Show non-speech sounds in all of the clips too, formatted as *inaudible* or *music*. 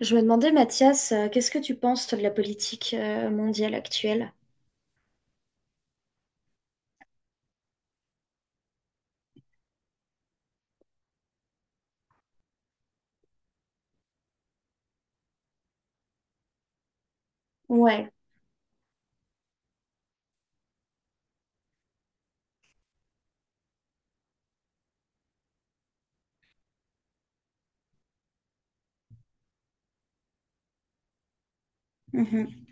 Je me demandais, Mathias, qu'est-ce que tu penses toi, de la politique mondiale actuelle? Ouais. Mhm.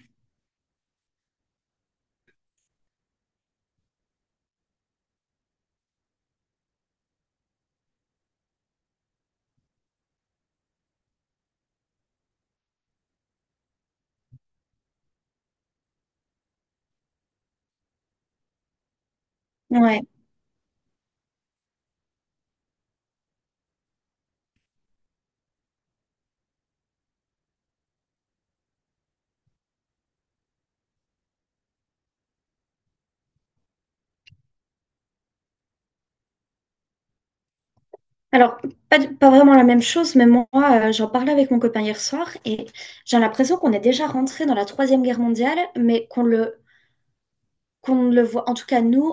Ouais. Alors, pas vraiment la même chose, mais moi, j'en parlais avec mon copain hier soir et j'ai l'impression qu'on est déjà rentré dans la Troisième Guerre mondiale, mais qu'on ne le voit, en tout cas nous,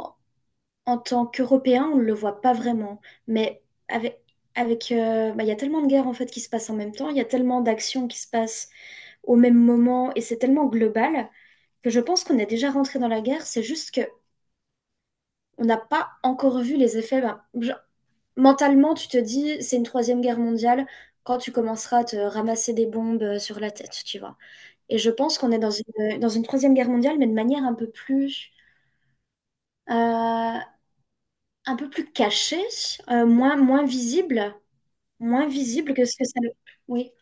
en tant qu'Européen, on ne le voit pas vraiment. Mais avec, avec, bah, il y a tellement de guerres en fait qui se passent en même temps, il y a tellement d'actions qui se passent au même moment, et c'est tellement global que je pense qu'on est déjà rentré dans la guerre. C'est juste que on n'a pas encore vu les effets. Ben, genre, mentalement, tu te dis, c'est une troisième guerre mondiale quand tu commenceras à te ramasser des bombes sur la tête, tu vois. Et je pense qu'on est dans dans une troisième guerre mondiale, mais de manière euh, un peu plus caché, euh, moins, moins visible, moins visible que ce que ça... Oui,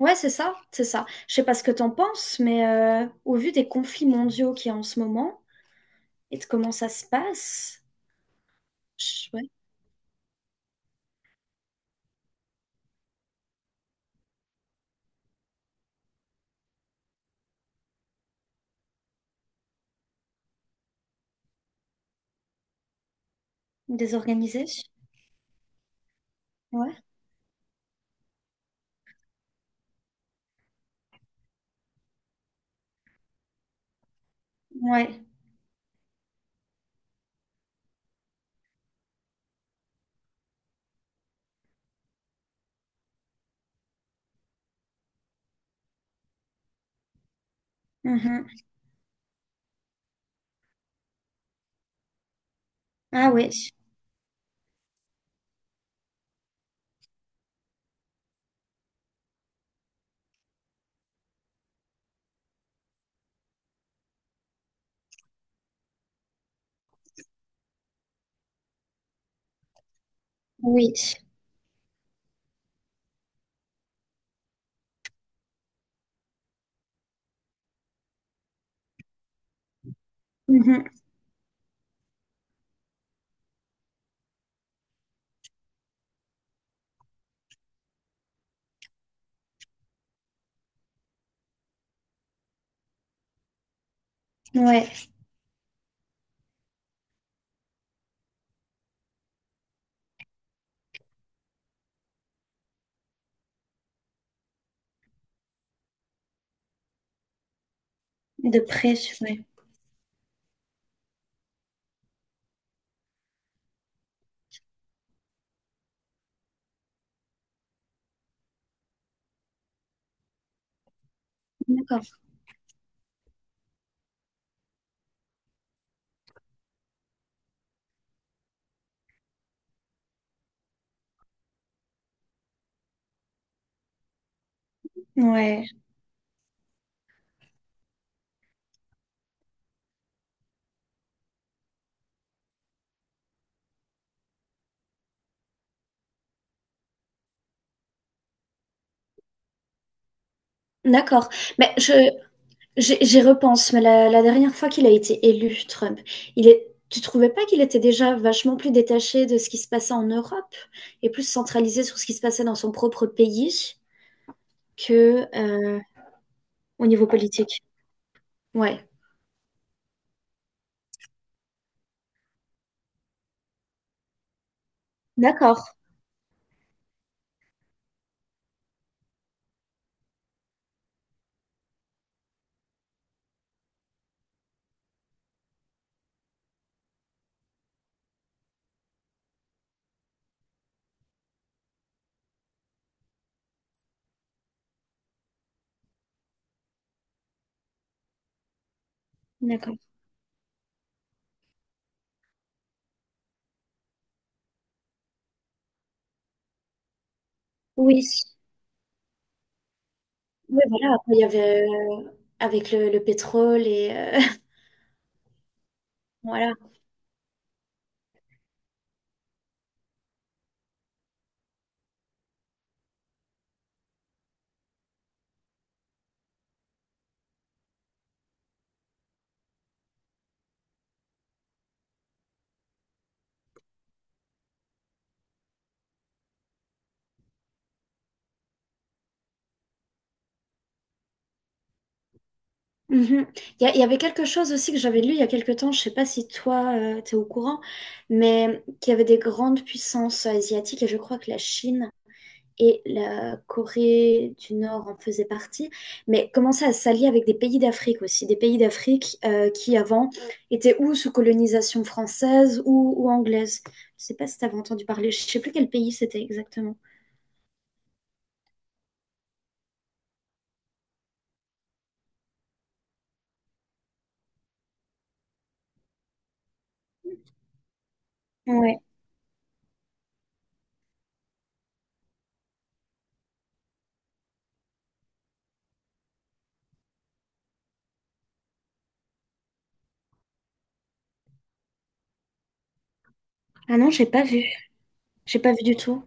ouais, c'est ça, c'est ça. Je sais pas ce que t'en penses, mais au vu des conflits mondiaux qu'il y a en ce moment et de comment ça se passe, ouais, désorganisé, ouais, ouais, mhm. Ah oui, oui, mhm. Ouais, de près, ouais. D'accord, ouais, d'accord. Mais je, j'y repense, mais la dernière fois qu'il a été élu, Trump, tu trouvais pas qu'il était déjà vachement plus détaché de ce qui se passait en Europe et plus centralisé sur ce qui se passait dans son propre pays que au niveau politique? Ouais. D'accord. D'accord. Oui. Oui, voilà. Après, il y avait avec le pétrole et *laughs* voilà. Mhm. Il y avait quelque chose aussi que j'avais lu il y a quelque temps. Je sais pas si toi tu es au courant, mais qu'il y avait des grandes puissances asiatiques et je crois que la Chine et la Corée du Nord en faisait partie, mais commençait à s'allier avec des pays d'Afrique aussi, des pays d'Afrique qui avant étaient ou sous colonisation française ou anglaise. Je sais pas si tu avais entendu parler, je sais plus quel pays c'était exactement. Ouais. Ah non, j'ai pas vu. J'ai pas vu du tout.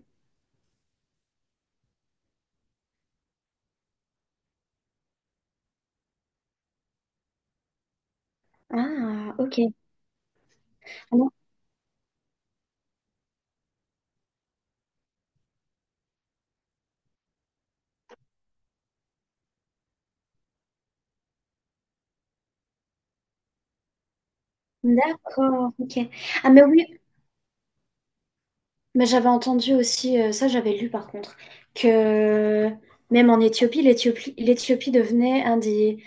Ah, ok. Ah non. D'accord, ok. Ah mais oui, mais j'avais entendu aussi, ça j'avais lu par contre, que même en Éthiopie, l'Éthiopie devenait un des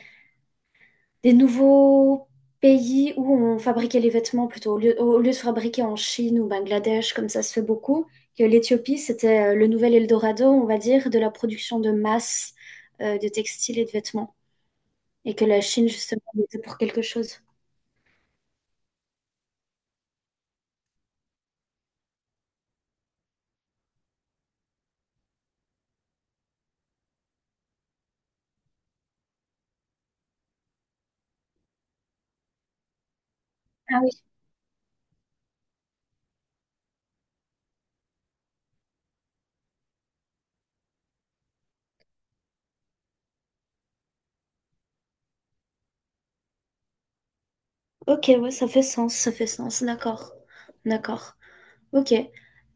Des nouveaux pays où on fabriquait les vêtements plutôt, au lieu de fabriquer en Chine ou Bangladesh, comme ça se fait beaucoup, que l'Éthiopie, c'était le nouvel Eldorado, on va dire, de la production de masse de textiles et de vêtements, et que la Chine, justement, était pour quelque chose. Ah oui. Ok, ouais, ça fait sens, d'accord, d'accord. Ok.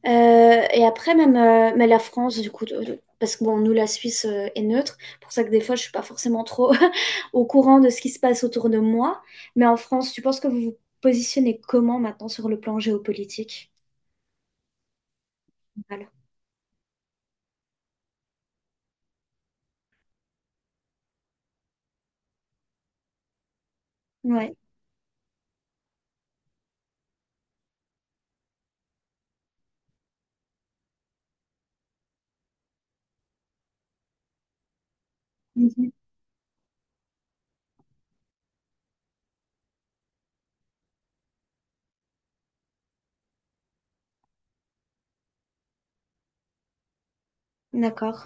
Et après, même mais la France, du coup, parce que bon, nous, la Suisse est neutre, pour ça que des fois, je suis pas forcément trop *laughs* au courant de ce qui se passe autour de moi. Mais en France, tu penses que vous vous positionnez comment maintenant sur le plan géopolitique? Voilà. Ouais. Mhm. D'accord.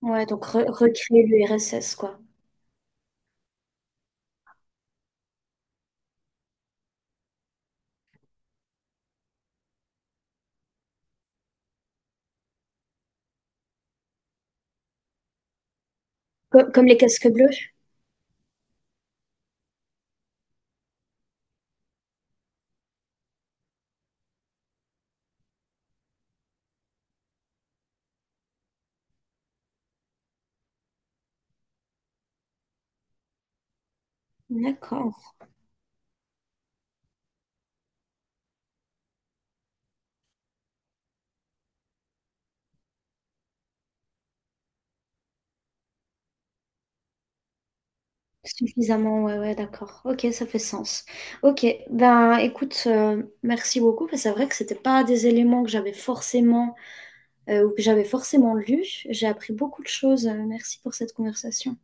Ouais, donc recréer l'URSS, quoi. Comme les casques bleus? D'accord. Suffisamment, ouais, ouais, d'accord. Ok, ça fait sens. Ok, ben écoute, merci beaucoup. Parce que c'est vrai que c'était pas des éléments que j'avais forcément ou que j'avais forcément lus. J'ai appris beaucoup de choses. Merci pour cette conversation.